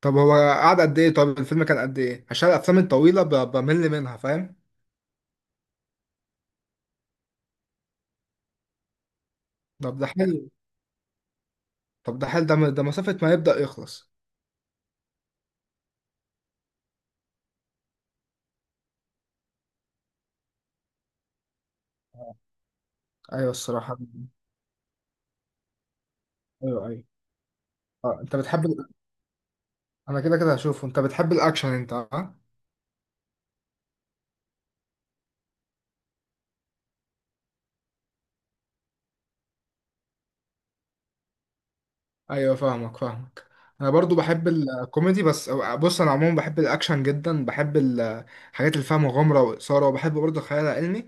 طب هو قعد قد ايه؟ طب الفيلم كان قد ايه؟ عشان الافلام الطويله بمل منها فاهم. طب ده حلو. طب ده حلو، ده ده مسافه ما يبدا يخلص. ايوه الصراحه. ايوه ايوه. اه، انت بتحب انا كده كده هشوفه. انت بتحب الاكشن انت؟ اه. ايوه فاهمك فاهمك. انا برضو بحب الكوميدي بس. بص، انا عموما بحب الاكشن جدا، بحب الحاجات اللي فيها مغامره واثاره، وبحب برضو الخيال العلمي.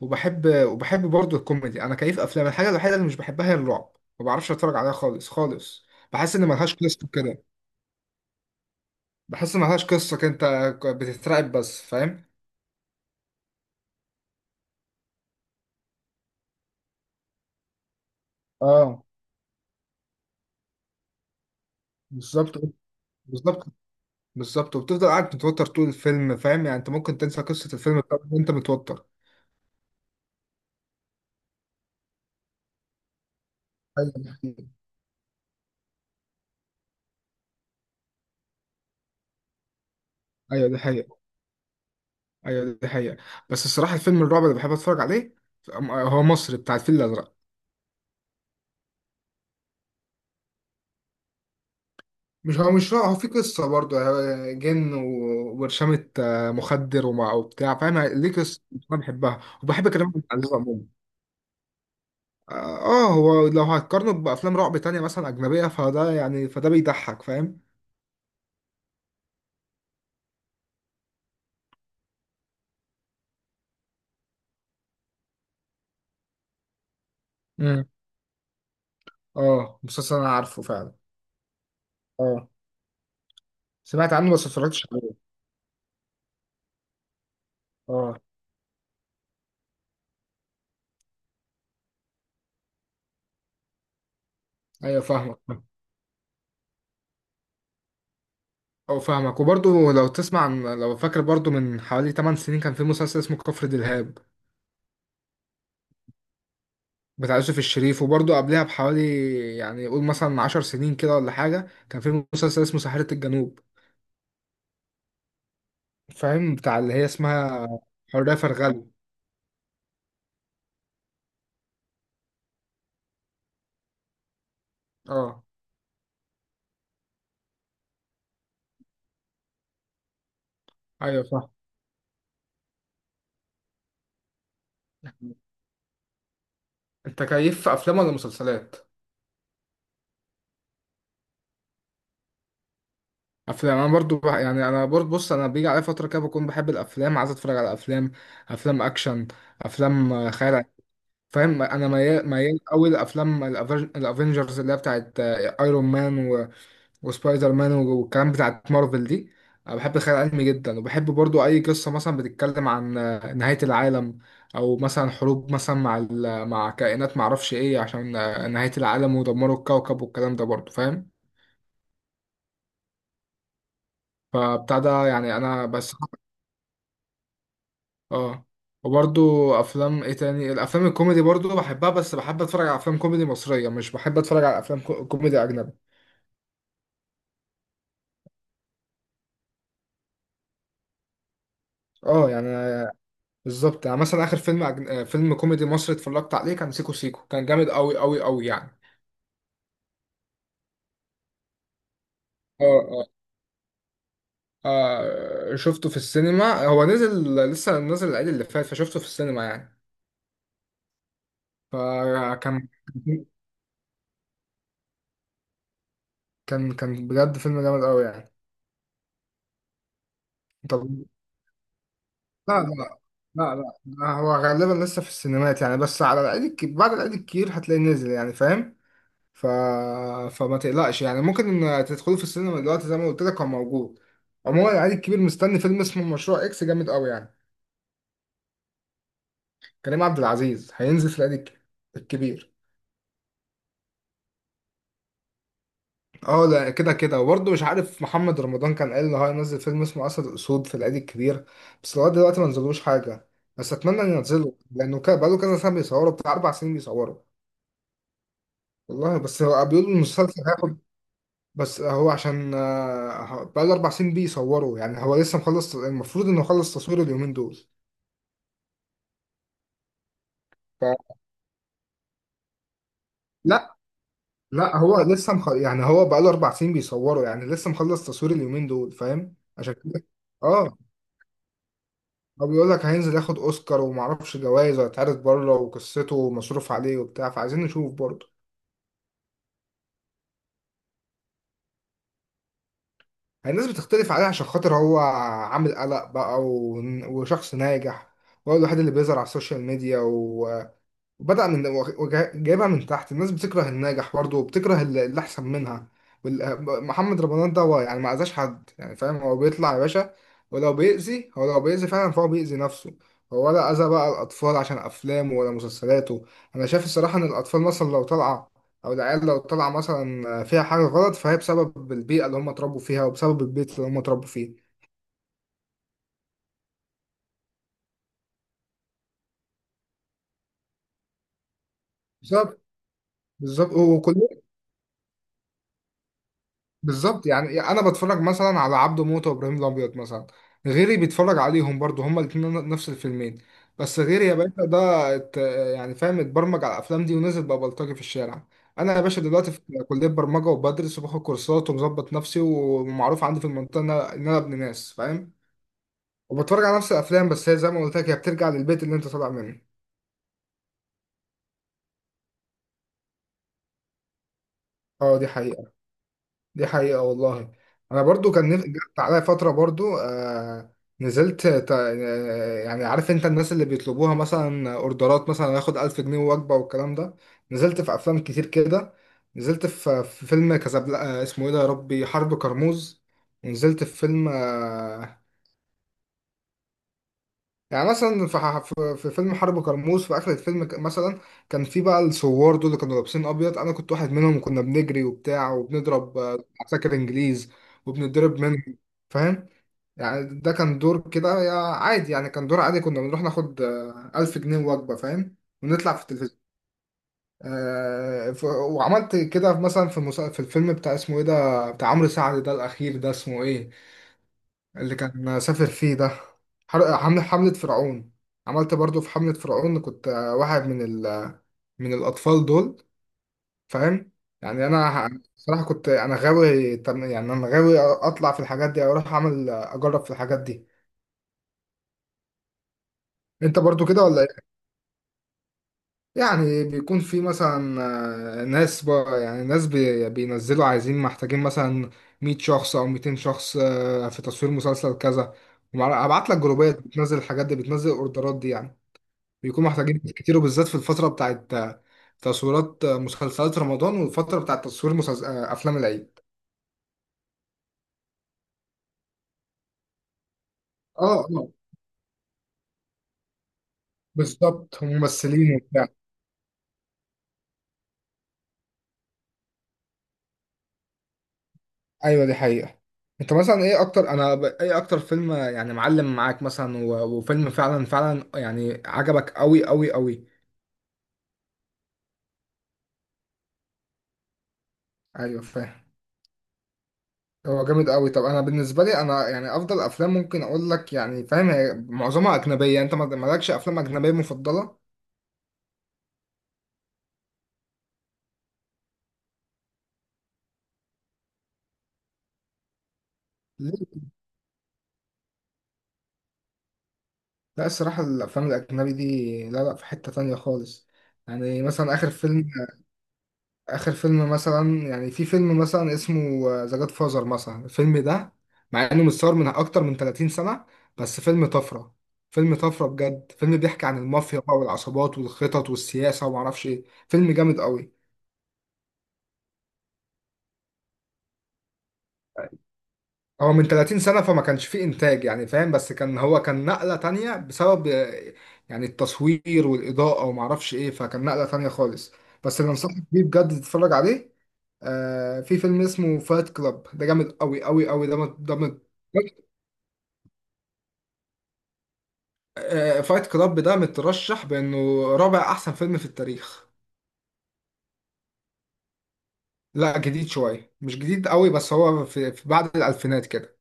وبحب برضه الكوميدي. انا كيف افلام. الحاجه الوحيده اللي مش بحبها هي الرعب، ما بعرفش اتفرج عليها خالص خالص. بحس ان ملهاش قصه كده. بحس ان ملهاش قصه كده، انت بتترعب بس فاهم. اه. بالظبط. بالظبط. بالظبط، وبتفضل قاعد متوتر طول الفيلم. فاهم يعني؟ انت ممكن تنسى قصه الفيلم بتاعك وانت متوتر. ايوه دي حقيقة. ايوه دي حقيقه. ايوه دي حقيقه. بس الصراحه الفيلم الرعب اللي بحب اتفرج عليه هو مصري، بتاع الفيل الازرق. مش هو، هو في قصة برضه. هو جن وبرشامة، مخدر ومع وبتاع، فاهم؟ ليه قصة. أنا بحبها، وبحب كريم عبد العزيز عموما. آه. هو لو هتقارنه بأفلام رعب تانية مثلا أجنبية، فده يعني فده بيضحك فاهم. امم آه، مسلسل أنا عارفه فعلا. آه. سمعت عنه بس ما اتفرجتش عليه. آه. أيوه فاهمك. أه فاهمك. وبرضه لو تسمع عن، لو فاكر، برضه من حوالي 8 سنين كان في مسلسل اسمه كفر دلهاب، بتاع يوسف الشريف. وبرضه قبلها بحوالي، يعني قول مثلا 10 سنين كده ولا حاجة، كان في مسلسل اسمه ساحرة الجنوب، فاهم؟ بتاع اللي هي اسمها حورية فرغلي. اه. ايوه صح. انت كيف في افلام ولا مسلسلات؟ افلام. انا برضو يعني انا برضو، بص، انا بيجي عليا فتره كده بكون بحب الافلام، عايز اتفرج على افلام. افلام اكشن، افلام خيال علمي. فاهم؟ انا ميال ميال قوي لافلام الافنجرز، اللي هي بتاعت ايرون مان وسبايدر مان والكلام، بتاعت مارفل دي. انا بحب الخيال العلمي جدا، وبحب برضو اي قصه مثلا بتتكلم عن نهايه العالم، او مثلا حروب مثلا مع مع كائنات معرفش ايه، عشان نهايه العالم ودمروا الكوكب والكلام ده برضو، فاهم؟ فبتاع ده يعني انا بس. اه. وبرضو افلام ايه تاني؟ الافلام الكوميدي برضو بحبها، بس بحب اتفرج على افلام كوميدي مصريه. مش بحب اتفرج على افلام كوميدي اجنبي. اه يعني. بالظبط. يعني مثلا اخر فيلم أجن... آه، فيلم كوميدي مصري اتفرجت عليه كان سيكو سيكو، كان جامد قوي قوي قوي يعني. اه اه. شفته في السينما. هو نزل، لسه نزل العيد اللي فات، فشفته في السينما يعني. فكان، كان كان بجد فيلم جامد قوي يعني. طب لا لا. لا لا لا، هو غالبا لسه في السينمات يعني، بس على العيد الكبير، بعد العيد الكبير هتلاقيه نزل يعني، فاهم؟ ف... فما تقلقش يعني، ممكن إن تدخلوا في السينما دلوقتي، زي ما قلت لك هو موجود. عموما العيد الكبير مستني فيلم اسمه مشروع اكس، جامد قوي يعني. كريم عبد العزيز هينزل في الكبير. اه. لا كده كده. وبرضه مش عارف، محمد رمضان كان قال ان هو هينزل فيلم اسمه اسد اسود في العيد الكبير، بس لغايه دلوقتي ما نزلوش حاجه. بس اتمنى ان ينزلوا، لانه بقاله كذا سنه بيصوروا، بتاع اربع سنين بيصوروا. والله بس هو بيقولوا المسلسل هياخد. بس هو عشان بقاله أربع سنين بيصوروا، يعني هو لسه مخلص. المفروض إنه خلص تصوير اليومين دول. فلا لا لا، هو يعني هو بقاله أربع سنين بيصوروا، يعني لسه مخلص تصوير اليومين دول، فاهم عشان كده. اه، هو بيقول لك هينزل ياخد أوسكار ومعرفش جوائز، وهيتعرض بره، وقصته مصروف عليه وبتاع، فعايزين نشوف برضه. يعني الناس بتختلف عليه عشان خاطر هو عامل قلق بقى وشخص ناجح، وهو الوحيد اللي بيظهر على السوشيال ميديا. بدأ من جايبها من تحت. الناس بتكره الناجح برضه، وبتكره اللي أحسن منها. محمد رمضان ده هو يعني ما أذاش حد يعني، فاهم؟ هو بيطلع يا باشا. ولو بيأذي، هو لو بيأذي فعلا فهو بيأذي نفسه. هو ولا أذى بقى الأطفال عشان أفلامه ولا مسلسلاته. أنا شايف الصراحة إن الأطفال مثلا لو طالعة، أو العيال لو طالعة مثلا فيها حاجة غلط، فهي بسبب البيئة اللي هم اتربوا فيها وبسبب البيت اللي هم اتربوا فيه. بسبب، بالظبط وكل، بالظبط. يعني انا بتفرج مثلا على عبده موته وابراهيم الابيض مثلا، غيري بيتفرج عليهم برضو، هما الاثنين نفس الفيلمين، بس غيري يا باشا ده ات- يعني فاهم اتبرمج على الافلام دي ونزل بقى بلطجي في الشارع. انا يا باشا دلوقتي في كليه برمجه، وبدرس، وباخد كورسات، ومظبط نفسي، ومعروف عندي في المنطقه ان انا، إن أنا ابن ناس، فاهم؟ وبتفرج على نفس الافلام، بس هي زي ما قلت لك، هي بترجع للبيت اللي انت طالع منه. اه دي حقيقه. دي حقيقة والله. أنا برضو كان جت عليا فترة برضو، آه، نزلت يعني عارف أنت الناس اللي بيطلبوها مثلا أوردرات، مثلا ياخد ألف جنيه وجبة والكلام ده. نزلت في أفلام كتير كده. نزلت في فيلم كازابلا آه، اسمه إيه ده يا ربي، حرب كرموز. ونزلت في فيلم يعني مثلا في في فيلم حرب كرموز، في اخر الفيلم مثلا كان في بقى الثوار دول اللي كانوا لابسين ابيض، انا كنت واحد منهم، وكنا بنجري وبتاع وبنضرب عساكر انجليز، وبنضرب منهم، فاهم؟ يعني ده كان دور كده يا عادي، يعني كان دور عادي. كنا بنروح ناخد 1000 جنيه وجبة، فاهم؟ ونطلع في التلفزيون. وعملت كده مثلا في في الفيلم بتاع اسمه ايه ده، بتاع عمرو سعد ده الاخير ده اسمه ايه، اللي كان سافر فيه ده، حملة فرعون. عملت برضو في حملة فرعون، كنت واحد من ال من الأطفال دول، فاهم؟ يعني أنا صراحة كنت أنا يعني أنا غاوي أطلع في الحاجات دي، أو أروح أعمل أجرب في الحاجات دي. أنت برضو كده ولا إيه؟ يعني بيكون في مثلا ناس يعني ناس بينزلوا عايزين، محتاجين مثلا 100 شخص أو 200 شخص في تصوير مسلسل كذا، وابعت لك جروبات بتنزل الحاجات دي، بتنزل الاوردرات دي يعني. بيكونوا محتاجين ناس كتير، وبالذات في الفترة بتاعت تصويرات مسلسلات رمضان، والفترة بتاعت تصوير مسلسل... آه، أفلام العيد. اه اه. بالظبط، هم ممثلين وبتاع. أيوة دي حقيقة. أنت مثلا إيه أكتر، أنا إيه أكتر فيلم يعني معلم معاك مثلا، وفيلم فعلا فعلا يعني عجبك أوي أوي أوي؟ أيوة فاهم. هو جامد أوي. طب أنا بالنسبة لي أنا يعني أفضل أفلام ممكن أقول لك، يعني فاهم هي معظمها أجنبية. أنت مالكش أفلام أجنبية مفضلة؟ لا الصراحة الأفلام الأجنبي دي لا لا، في حتة تانية خالص. يعني مثلا آخر فيلم، آخر فيلم مثلا، يعني في فيلم مثلا اسمه ذا جاد فازر مثلا، الفيلم ده مع إنه متصور من أكتر من 30 سنة، بس فيلم طفرة. فيلم طفرة بجد، فيلم بيحكي عن المافيا بقى، والعصابات والخطط والسياسة ومعرفش إيه، فيلم جامد قوي. هو من 30 سنة فما كانش فيه إنتاج يعني، فاهم؟ بس كان، هو كان نقلة تانية بسبب يعني التصوير والإضاءة وما أعرفش إيه، فكان نقلة تانية خالص. بس اللي أنصحك بيه بجد تتفرج عليه، آه، في فيلم اسمه فايت كلاب، ده جامد أوي أوي أوي. ده مت- ده مت- آه فايت كلاب ده مترشح بإنه رابع أحسن فيلم في التاريخ. لا جديد شوية، مش جديد أوي، بس هو في، في بعد الألفينات كده.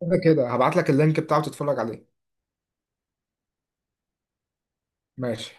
كده كده هبعت لك اللينك بتاعه تتفرج عليه. ماشي.